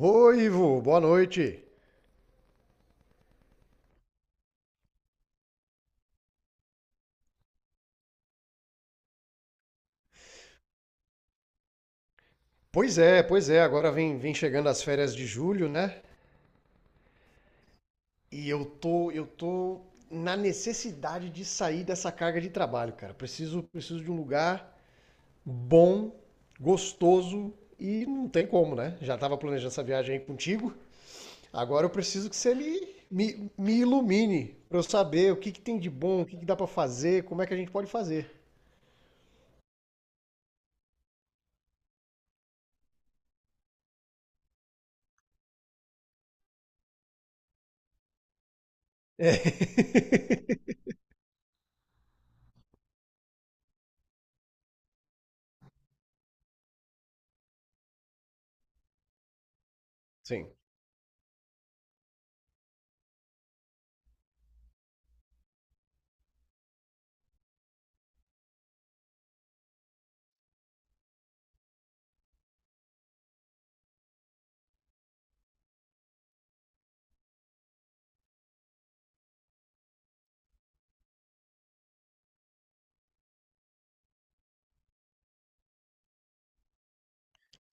Oi, Ivo, boa noite. Pois é, agora vem chegando as férias de julho, né? E eu tô na necessidade de sair dessa carga de trabalho, cara. Preciso de um lugar bom, gostoso e não tem como, né? Já tava planejando essa viagem aí contigo. Agora eu preciso que você me ilumine pra eu saber o que que tem de bom, o que que dá pra fazer, como é que a gente pode fazer. É. Sim.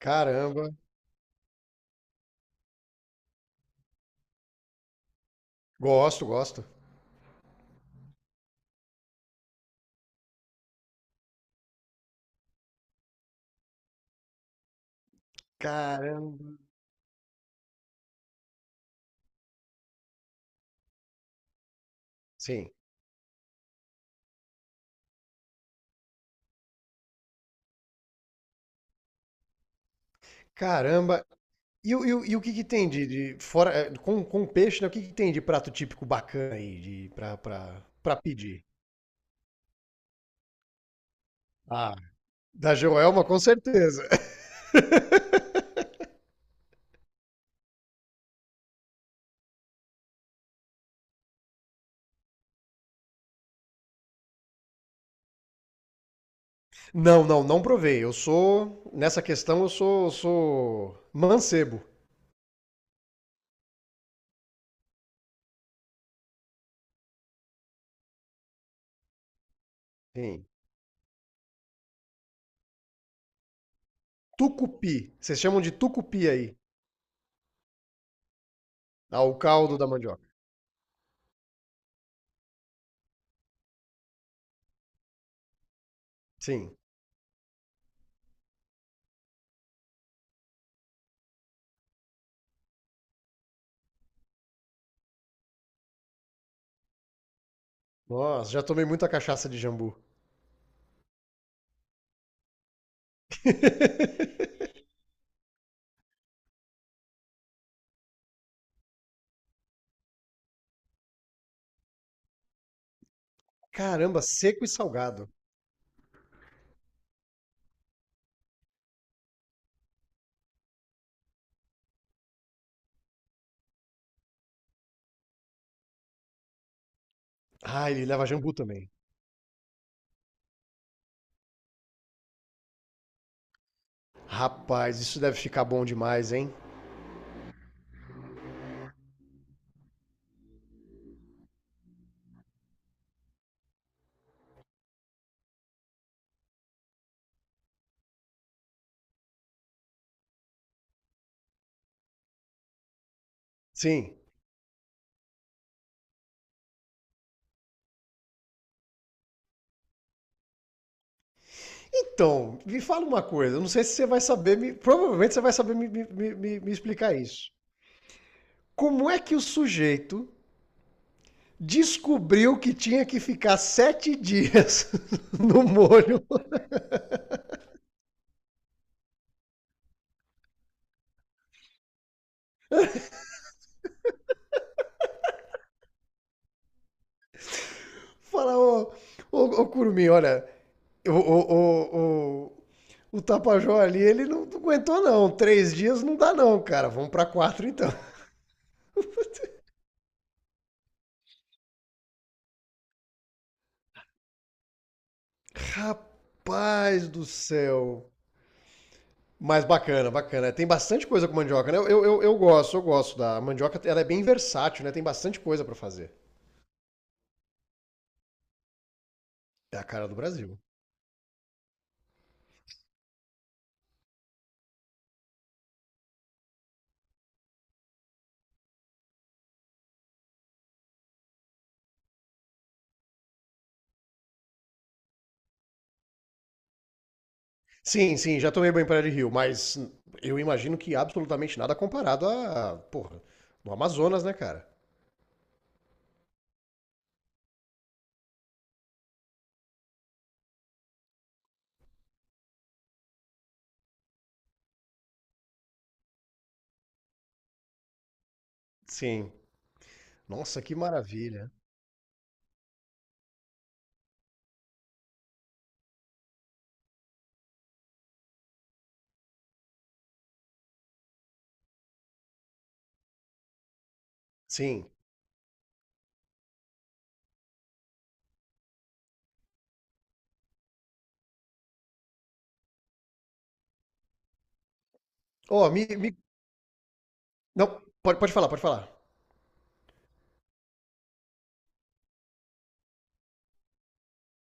Caramba. Gosto, gosto. Caramba. Sim. Caramba! E, o que que tem fora, com peixe, né? O que que tem de prato típico bacana aí de para para pedir? Ah, da Joelma com certeza. Não, não provei. Eu sou nessa questão eu sou mancebo. Sim. Tucupi. Vocês chamam de tucupi aí, ah, o caldo da mandioca. Sim. Nossa, já tomei muita cachaça de jambu. Caramba, seco e salgado. Ah, ele leva jambu também. Rapaz, isso deve ficar bom demais, hein? Sim. Então, me fala uma coisa, eu não sei se você vai saber, provavelmente você vai saber me explicar isso. Como é que o sujeito descobriu que tinha que ficar 7 dias no molho? Fala, ô Curumim, olha, o, o, o, o, o Tapajó ali, ele não aguentou não, 3 dias não dá não, cara, vamos pra quatro então. Rapaz do céu. Mas bacana, bacana. Tem bastante coisa com mandioca, né? Eu gosto da mandioca. Ela é bem versátil, né? Tem bastante coisa pra fazer. É a cara do Brasil. Sim, já tomei banho em praia de rio, mas eu imagino que absolutamente nada comparado a, porra, no Amazonas, né, cara? Sim. Nossa, que maravilha. Sim. Ó, Não, pode falar.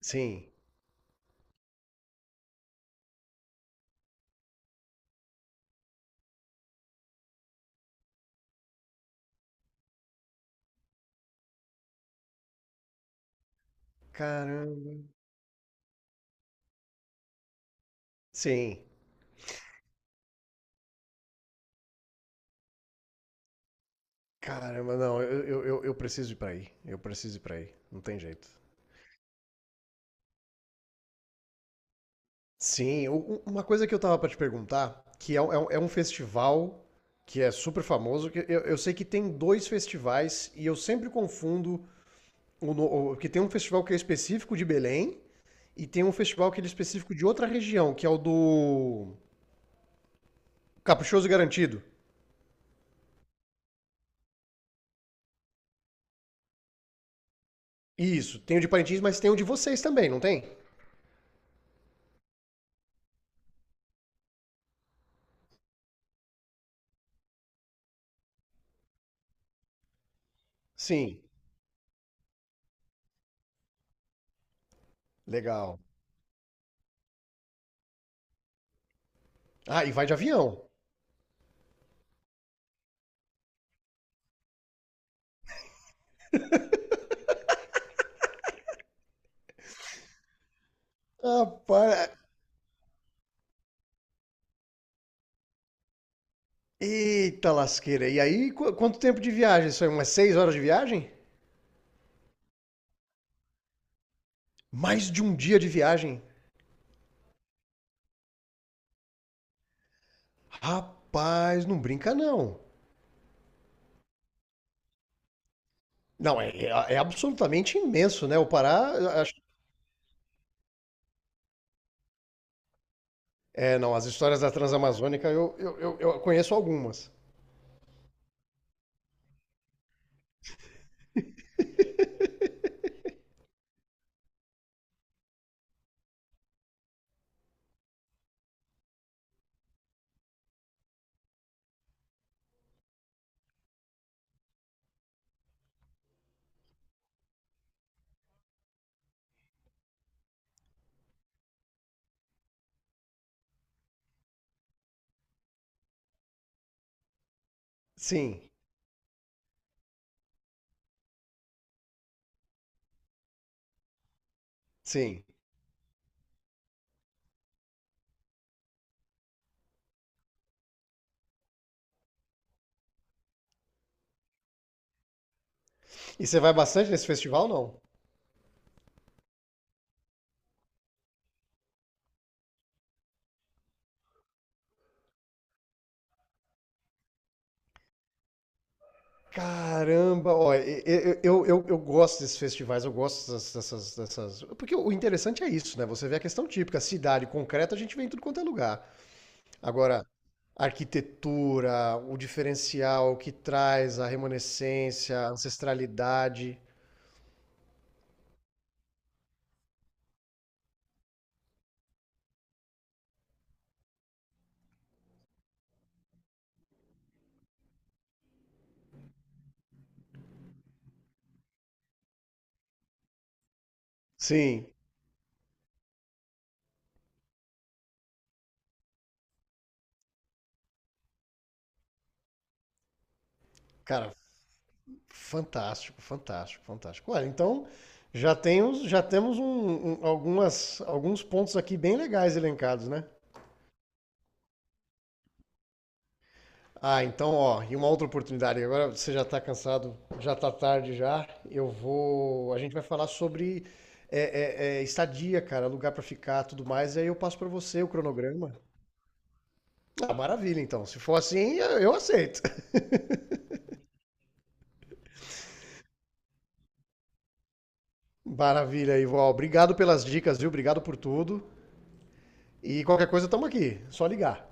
Sim. Caramba. Sim. Caramba, não, eu preciso ir pra aí. Eu preciso ir pra aí. Não tem jeito. Sim, uma coisa que eu tava pra te perguntar, que é, é um festival que é super famoso, que eu sei que tem dois festivais e eu sempre confundo o, no- o- que tem um festival que é específico de Belém e tem um festival que ele é específico de outra região, que é o do Caprichoso Garantido. Isso, tem o de Parintins, mas tem o de vocês também, não tem? Sim, legal. Ah, e vai de avião. Ah, para... Eita lasqueira. E aí, quanto tempo de viagem? Isso é umas 6 horas de viagem? Mais de um dia de viagem. Rapaz, não brinca não. Não, é absolutamente imenso, né? O Pará, acho- não, as histórias da Transamazônica eu conheço algumas. Sim, sim. E você vai bastante nesse festival, não? Caramba, ó, eu, eu gosto desses festivais, eu gosto Porque o interessante é isso, né? Você vê a questão típica, cidade concreta, a gente vem em tudo quanto é lugar. Agora, a arquitetura, o diferencial que traz, a remanescência, a ancestralidade. Sim, cara, fantástico, fantástico, fantástico. Olha, então já temos alguns pontos aqui bem legais elencados, né? Ah, então, ó, e uma outra oportunidade. Agora você já tá cansado, já tá tarde já. Eu vou. A gente vai falar sobre estadia, cara, lugar pra ficar, tudo mais. E aí eu passo pra você o cronograma. Ah, maravilha, então. Se for assim, eu aceito. Maravilha, Ivo. Ó, obrigado pelas dicas, viu? Obrigado por tudo. E qualquer coisa, estamos aqui. É só ligar.